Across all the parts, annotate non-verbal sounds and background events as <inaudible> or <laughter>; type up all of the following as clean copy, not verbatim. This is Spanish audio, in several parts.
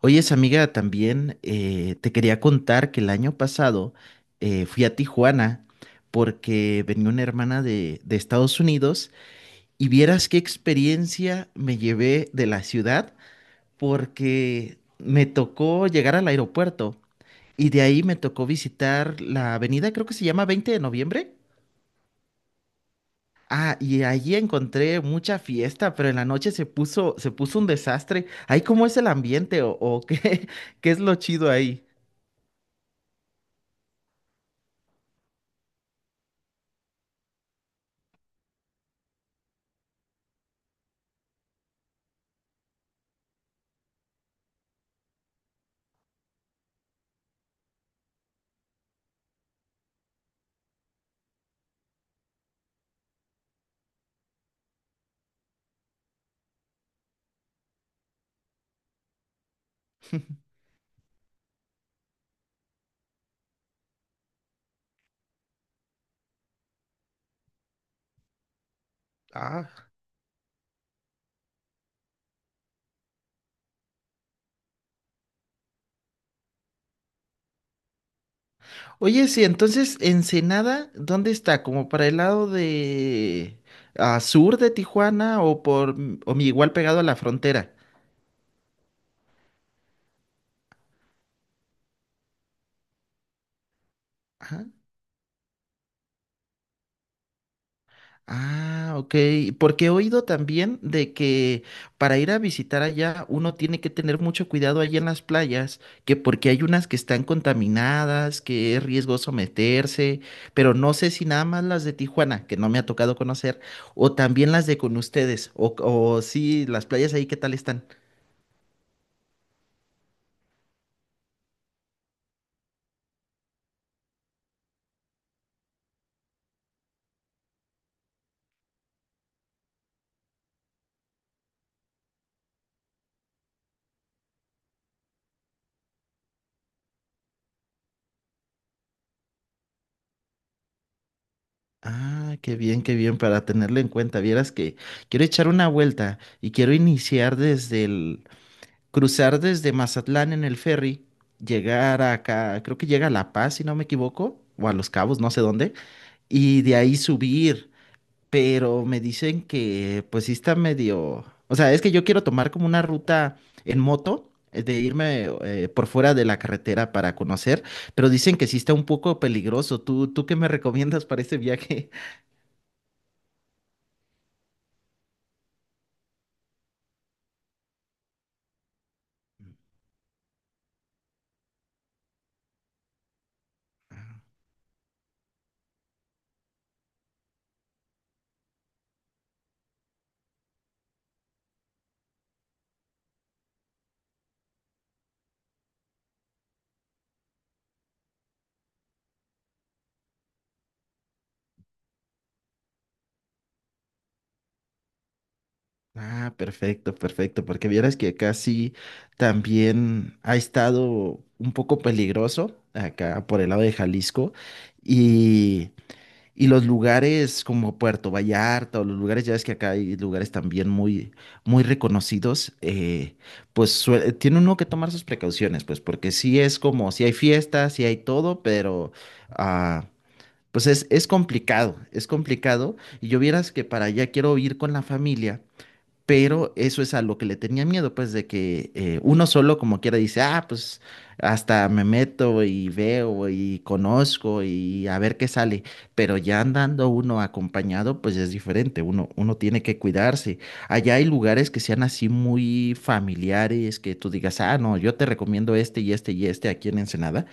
Oye, esa amiga, también te quería contar que el año pasado fui a Tijuana porque venía una hermana de Estados Unidos y vieras qué experiencia me llevé de la ciudad porque me tocó llegar al aeropuerto y de ahí me tocó visitar la avenida, creo que se llama 20 de noviembre. Ah, y allí encontré mucha fiesta, pero en la noche se puso un desastre. Ahí, ¿cómo es el ambiente o qué, <laughs> qué es lo chido ahí? <laughs> Ah, oye, sí, entonces Ensenada, ¿dónde está? ¿Como para el lado de ah, sur de Tijuana o por o igual pegado a la frontera? Ajá. Ah, ok. Porque he oído también de que para ir a visitar allá uno tiene que tener mucho cuidado allí en las playas, que porque hay unas que están contaminadas, que es riesgoso meterse, pero no sé si nada más las de Tijuana, que no me ha tocado conocer, o también las de con ustedes, o sí, las playas ahí, ¿qué tal están? Ah, qué bien, para tenerlo en cuenta. Vieras que quiero echar una vuelta y quiero iniciar desde el, cruzar desde Mazatlán en el ferry, llegar acá, creo que llega a La Paz, si no me equivoco, o a Los Cabos, no sé dónde, y de ahí subir. Pero me dicen que pues sí está medio, o sea, es que yo quiero tomar como una ruta en moto, de irme por fuera de la carretera para conocer, pero dicen que sí está un poco peligroso. Tú qué me recomiendas para este viaje? Ah, perfecto, perfecto, porque vieras que acá sí también ha estado un poco peligroso, acá por el lado de Jalisco, y, y los lugares como Puerto Vallarta o los lugares, ya ves que acá hay lugares también muy, muy reconocidos, pues tiene uno que tomar sus precauciones, pues porque sí es como, sí hay fiestas, sí hay todo, pero... ah, pues es complicado, es complicado. Y yo vieras que para allá quiero ir con la familia pero eso es a lo que le tenía miedo, pues de que uno solo como quiera dice, ah, pues hasta me meto y veo y conozco y a ver qué sale. Pero ya andando uno acompañado, pues es diferente, uno tiene que cuidarse. Allá hay lugares que sean así muy familiares, que tú digas, ah, no, yo te recomiendo este y este y este aquí en Ensenada.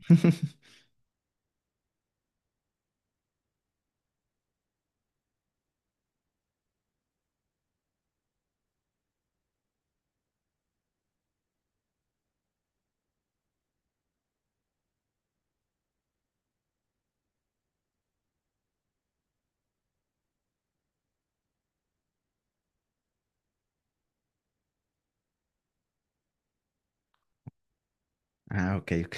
<laughs> Ah, ok, ok.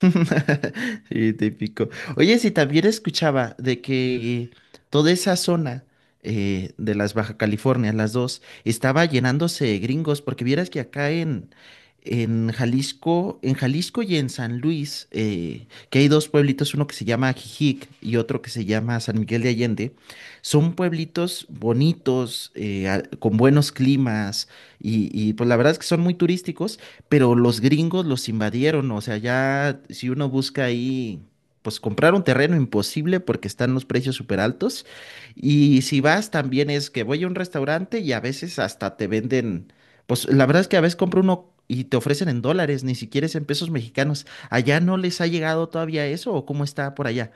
<laughs> Sí, típico. Oye, sí, también escuchaba de que toda esa zona de las Baja California, las dos, estaba llenándose de gringos, porque vieras que en Jalisco y en San Luis, que hay dos pueblitos, uno que se llama Ajijic y otro que se llama San Miguel de Allende, son pueblitos bonitos, con buenos climas, y pues la verdad es que son muy turísticos pero los gringos los invadieron, o sea, ya si uno busca ahí, pues comprar un terreno imposible porque están los precios súper altos. Y si vas, también es que voy a un restaurante y a veces hasta te venden, pues la verdad es que a veces compro uno y te ofrecen en dólares, ni siquiera es en pesos mexicanos. ¿Allá no les ha llegado todavía eso o cómo está por allá?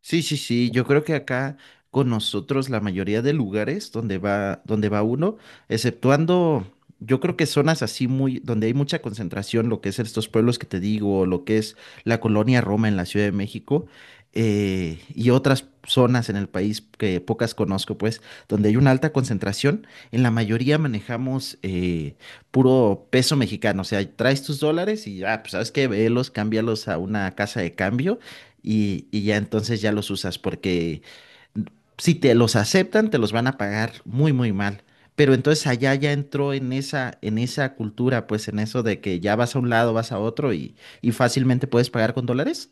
Sí, sí, sí, yo creo que acá con nosotros la mayoría de lugares donde va uno, exceptuando, yo creo que zonas así muy, donde hay mucha concentración, lo que es estos pueblos que te digo, o lo que es la colonia Roma en la Ciudad de México, y otras zonas en el país que pocas conozco, pues, donde hay una alta concentración, en la mayoría manejamos puro peso mexicano, o sea, traes tus dólares y ya, pues, ¿sabes qué? Velos, cámbialos a una casa de cambio y ya entonces ya los usas porque si te los aceptan, te los van a pagar muy, muy mal. Pero entonces allá ya entró en en esa cultura, pues en eso de que ya vas a un lado, vas a otro y fácilmente puedes pagar con dólares.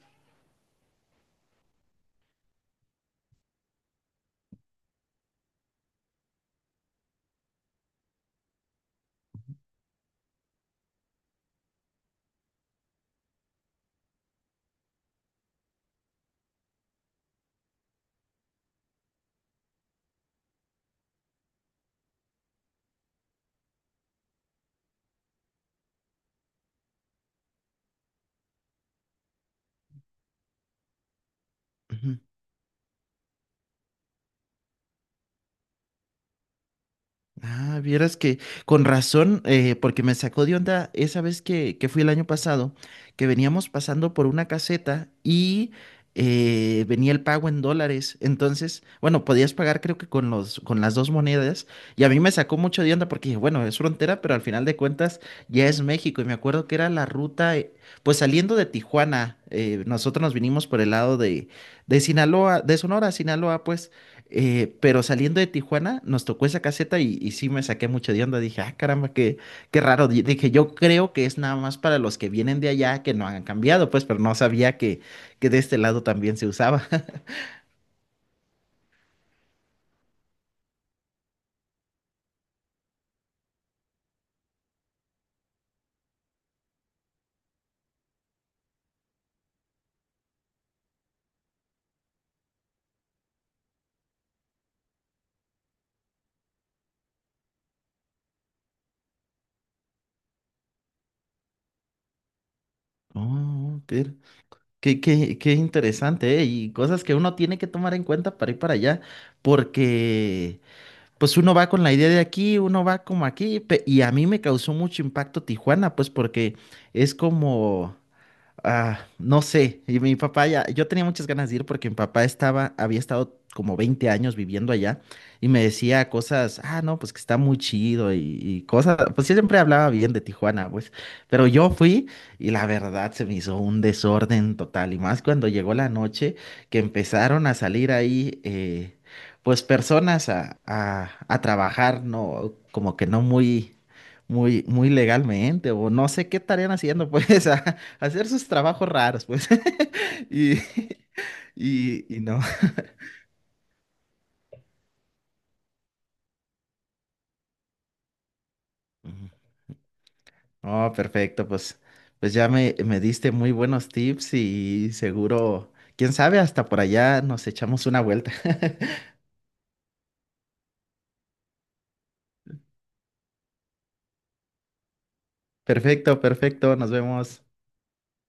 Ah, vieras que con razón, porque me sacó de onda esa vez que fui el año pasado, que veníamos pasando por una caseta y venía el pago en dólares. Entonces, bueno, podías pagar creo que con las dos monedas. Y a mí me sacó mucho de onda porque dije, bueno, es frontera, pero al final de cuentas ya es México. Y me acuerdo que era la ruta, pues saliendo de Tijuana, nosotros nos vinimos por el lado de Sinaloa, de Sonora, a Sinaloa, pues. Pero saliendo de Tijuana, nos tocó esa caseta y sí me saqué mucho de onda. Dije, ah, caramba, qué, qué raro. Dije, yo creo que es nada más para los que vienen de allá que no han cambiado, pues, pero no sabía que de este lado también se usaba. <laughs> Oh, qué, qué, qué interesante, ¿eh? Y cosas que uno tiene que tomar en cuenta para ir para allá, porque pues uno va con la idea de aquí, uno va como aquí, y a mí me causó mucho impacto Tijuana, pues porque es como... Ah, no sé, y mi papá ya, yo tenía muchas ganas de ir porque mi papá estaba, había estado como 20 años viviendo allá y me decía cosas, ah, no, pues que está muy chido y cosas, pues yo siempre hablaba bien de Tijuana, pues, pero yo fui y la verdad se me hizo un desorden total y más cuando llegó la noche que empezaron a salir ahí, pues personas a trabajar, no, como que no muy... Muy, muy legalmente, o no sé qué estarían haciendo, pues, <laughs> hacer sus trabajos raros, pues. <laughs> Y, y no. Ujú. Oh, perfecto, pues, pues ya me diste muy buenos tips y seguro, quién sabe, hasta por allá nos echamos una vuelta. <laughs> Perfecto, perfecto, nos vemos.